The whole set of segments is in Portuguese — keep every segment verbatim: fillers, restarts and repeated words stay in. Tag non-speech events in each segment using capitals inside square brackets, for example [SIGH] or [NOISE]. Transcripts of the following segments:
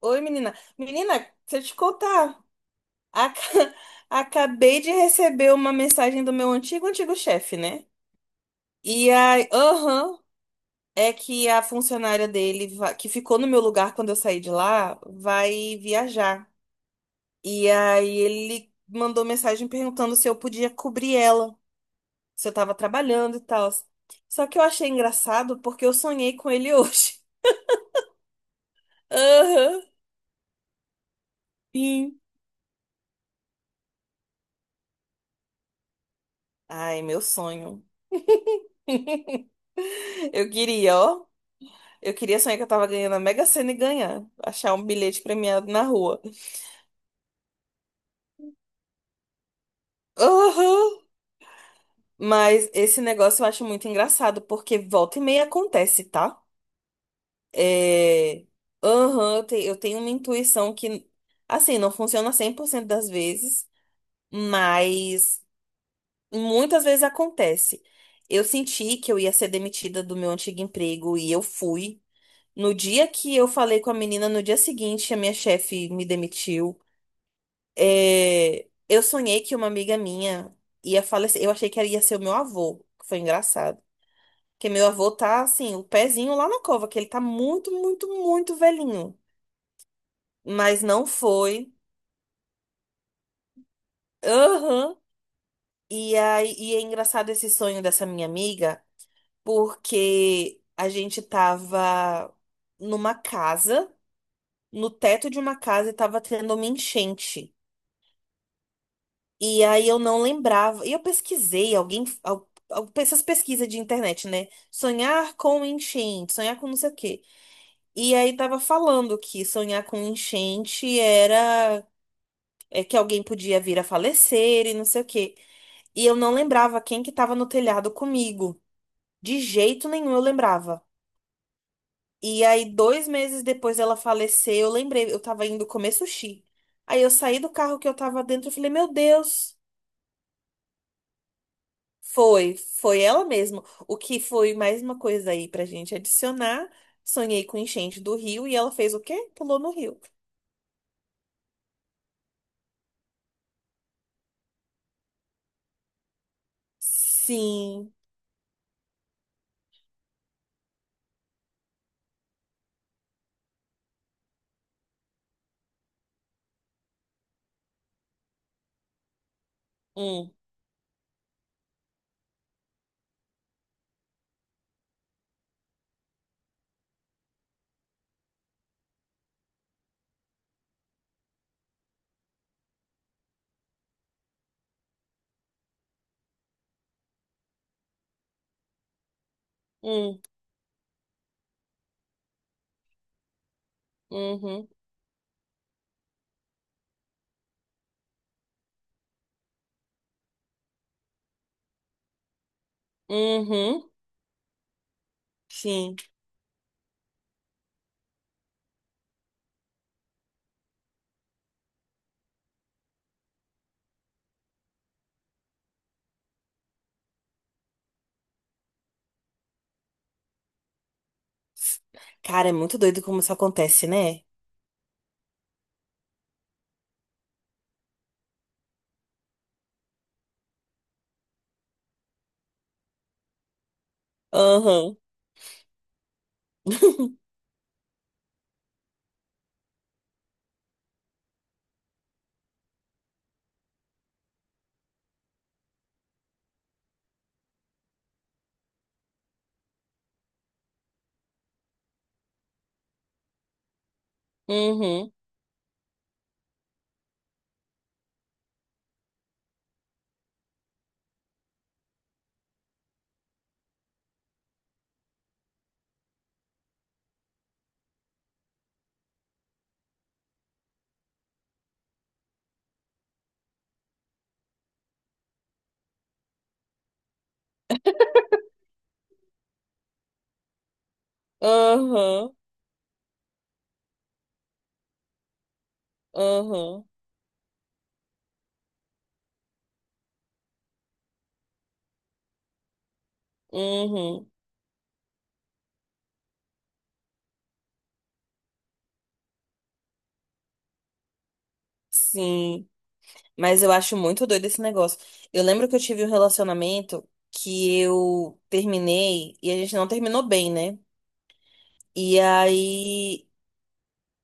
Oi, menina. Menina, deixa eu te contar. Aca- [LAUGHS] Acabei de receber uma mensagem do meu antigo, antigo chefe, né? E aí, aham, é que a funcionária dele, va- que ficou no meu lugar quando eu saí de lá, vai viajar. E aí ele mandou mensagem perguntando se eu podia cobrir ela, se eu tava trabalhando e tal. Só que eu achei engraçado porque eu sonhei com ele hoje. [LAUGHS] Aham, sim. Ai, meu sonho. [LAUGHS] Eu queria, ó. Eu queria sonhar que eu tava ganhando a Mega Sena e ganhar. Achar um bilhete premiado na rua. Aham. Mas esse negócio eu acho muito engraçado, porque volta e meia acontece, tá? É... Aham, eu, te- eu tenho uma intuição que, assim, não funciona cem por cento das vezes, mas muitas vezes acontece. Eu senti que eu ia ser demitida do meu antigo emprego e eu fui. No dia que eu falei com a menina, no dia seguinte, a minha chefe me demitiu. É, eu sonhei que uma amiga minha ia falecer. Eu achei que ela ia ser o meu avô, que foi engraçado. Porque meu avô tá, assim, o pezinho lá na cova, que ele tá muito, muito, muito velhinho. Mas não foi. Aham. E aí, e é engraçado esse sonho dessa minha amiga, porque a gente tava numa casa, no teto de uma casa, e tava tendo uma enchente. E aí eu não lembrava. E eu pesquisei, alguém. al- al- Essas pesquisas de internet, né? Sonhar com enchente, sonhar com não sei o quê. E aí tava falando que sonhar com enchente era é que alguém podia vir a falecer e não sei o quê. E eu não lembrava quem que tava no telhado comigo. De jeito nenhum eu lembrava. E aí, dois meses depois dela falecer, eu lembrei, eu tava indo comer sushi. Aí eu saí do carro que eu tava dentro e falei, meu Deus. Foi, foi ela mesma. O que foi mais uma coisa aí pra gente adicionar. Sonhei com enchente do rio e ela fez o quê? Pulou no rio. Sim. Hum, hum, uhum, uhum, sim. Cara, é muito doido como isso acontece, né? Aham. [LAUGHS] Uhum, aham, aham, uhum, sim. Mas eu acho muito doido esse negócio. Eu lembro que eu tive um relacionamento que eu terminei e a gente não terminou bem, né? E aí,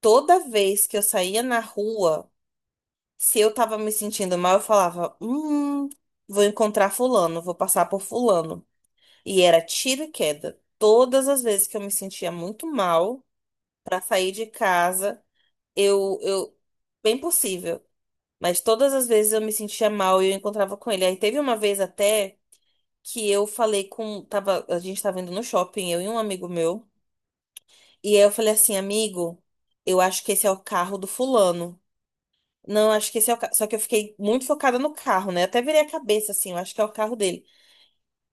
toda vez que eu saía na rua, se eu tava me sentindo mal, eu falava: hum, vou encontrar fulano, vou passar por fulano. E era tiro e queda. Todas as vezes que eu me sentia muito mal pra sair de casa, eu, eu, bem possível, mas todas as vezes eu me sentia mal e eu encontrava com ele. Aí teve uma vez até que eu falei com, tava, a gente tava indo no shopping, eu e um amigo meu. E aí eu falei assim, amigo, eu acho que esse é o carro do fulano. Não, acho que esse é o carro. Só que eu fiquei muito focada no carro, né? Eu até virei a cabeça assim, eu acho que é o carro dele.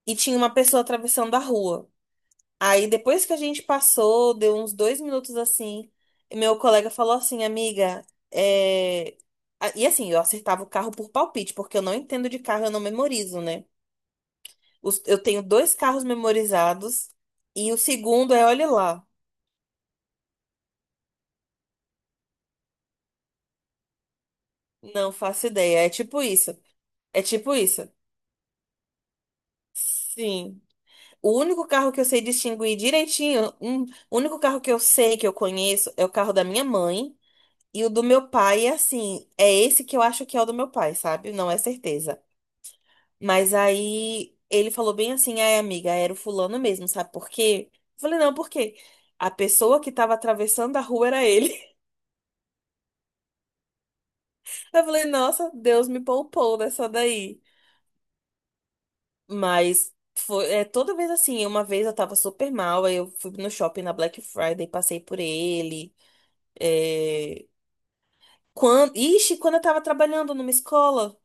E tinha uma pessoa atravessando a rua. Aí depois que a gente passou, deu uns dois minutos assim, e meu colega falou assim, amiga, é... ah, e assim, eu acertava o carro por palpite, porque eu não entendo de carro, eu não memorizo, né? Os- Eu tenho dois carros memorizados e o segundo é, olha lá, não faço ideia, é tipo isso. É tipo isso. Sim. O único carro que eu sei distinguir direitinho, um, o único carro que eu sei que eu conheço é o carro da minha mãe e o do meu pai, é assim, é esse que eu acho que é o do meu pai, sabe? Não é certeza. Mas aí ele falou bem assim, ai amiga, era o fulano mesmo, sabe por quê? Eu falei, não, por quê? A pessoa que tava atravessando a rua era ele. [LAUGHS] Eu falei, nossa, Deus me poupou dessa daí. Mas foi, é toda vez assim. Uma vez eu tava super mal, aí eu fui no shopping na Black Friday, passei por ele. É... Quando... Ixi, quando eu tava trabalhando numa escola,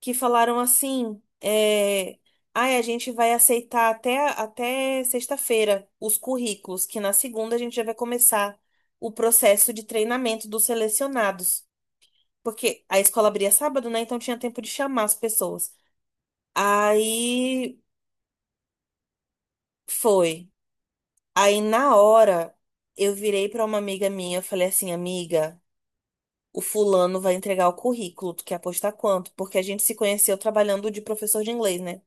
que falaram assim: é... ai, a gente vai aceitar até, até sexta-feira os currículos, que na segunda a gente já vai começar o processo de treinamento dos selecionados. Porque a escola abria sábado, né? Então tinha tempo de chamar as pessoas. Aí foi. Aí na hora eu virei pra uma amiga minha, eu falei assim, amiga, o fulano vai entregar o currículo, tu quer apostar quanto? Porque a gente se conheceu trabalhando de professor de inglês, né?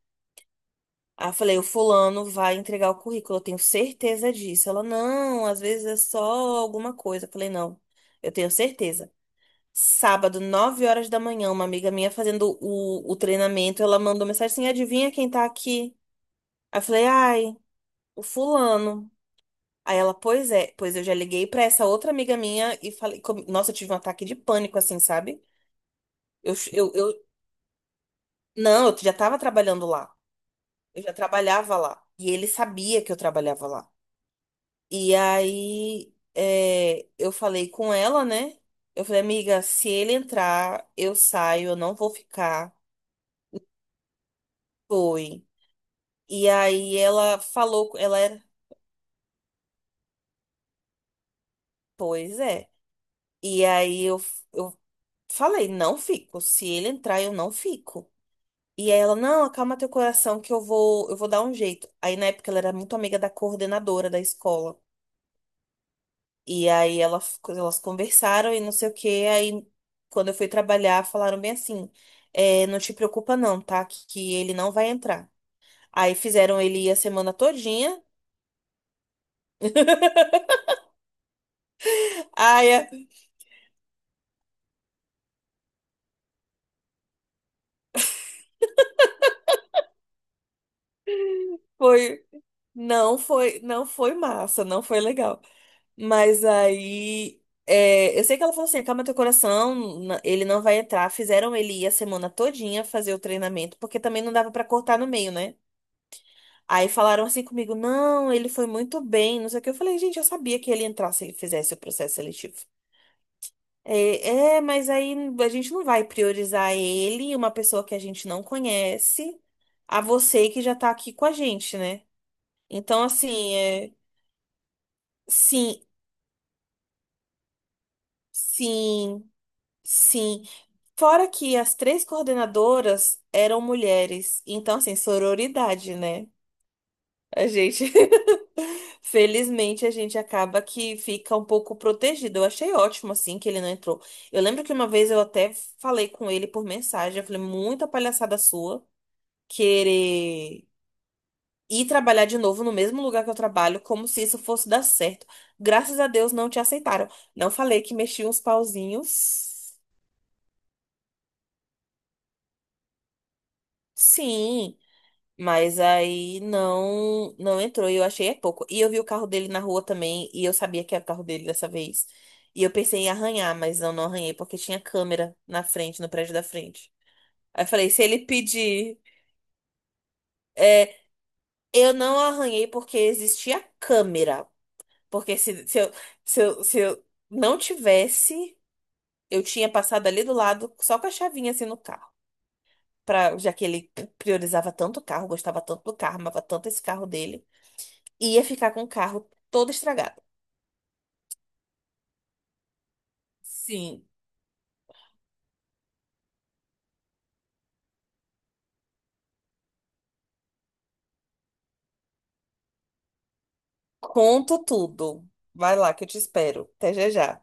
Aí eu falei, o fulano vai entregar o currículo, eu tenho certeza disso. Ela, não, às vezes é só alguma coisa. Eu falei, não, eu tenho certeza. Sábado, nove horas da manhã, uma amiga minha fazendo o, o treinamento, ela mandou mensagem assim, adivinha quem tá aqui? Aí eu falei, ai, o fulano. Aí ela, pois é, pois eu já liguei pra essa outra amiga minha e falei, com- nossa, eu tive um ataque de pânico, assim, sabe? Eu, eu, eu, não, eu já tava trabalhando lá, eu já trabalhava lá, e ele sabia que eu trabalhava lá. E aí, é, eu falei com ela, né? Eu falei, amiga, se ele entrar, eu saio, eu não vou ficar. Foi. E aí ela falou, ela era, pois é. E aí eu, eu falei, não fico, se ele entrar, eu não fico. E aí ela, não, acalma teu coração que eu vou, eu vou dar um jeito. Aí na época ela era muito amiga da coordenadora da escola. E aí ela, elas conversaram e não sei o quê. Aí quando eu fui trabalhar, falaram bem assim: é, não te preocupa não, tá? Que, que ele não vai entrar. Aí fizeram ele ir a semana todinha. Aí é, foi, não foi, não foi massa, não foi legal. Mas aí. é, eu sei que ela falou assim: acalma teu coração, n- ele não vai entrar. Fizeram ele ir a semana todinha fazer o treinamento, porque também não dava pra cortar no meio, né? Aí falaram assim comigo: não, ele foi muito bem, não sei o que. Eu falei: gente, eu sabia que ele entrasse se ele fizesse o processo seletivo. É, é, mas aí a gente não vai priorizar ele, uma pessoa que a gente não conhece, a você que já tá aqui com a gente, né? Então, assim, é, sim, sim. Sim. Fora que as três coordenadoras eram mulheres. Então, assim, sororidade, né? A gente. [LAUGHS] Felizmente, a gente acaba que fica um pouco protegido. Eu achei ótimo, assim, que ele não entrou. Eu lembro que uma vez eu até falei com ele por mensagem. Eu falei, muita palhaçada sua querer ir trabalhar de novo no mesmo lugar que eu trabalho, como se isso fosse dar certo. Graças a Deus não te aceitaram. Não falei que mexi uns pauzinhos. Sim. Mas aí não não entrou e eu achei é pouco. E eu vi o carro dele na rua também e eu sabia que era o carro dele dessa vez. E eu pensei em arranhar, mas eu não arranhei porque tinha câmera na frente, no prédio da frente. Aí eu falei, se ele pedir, é, eu não arranhei porque existia câmera. Porque se, se eu, se eu, se eu não tivesse, eu tinha passado ali do lado só com a chavinha assim no carro. Pra, já que ele priorizava tanto o carro, gostava tanto do carro, amava tanto esse carro dele. Ia ficar com o carro todo estragado. Sim. Conto tudo. Vai lá que eu te espero. Até já já.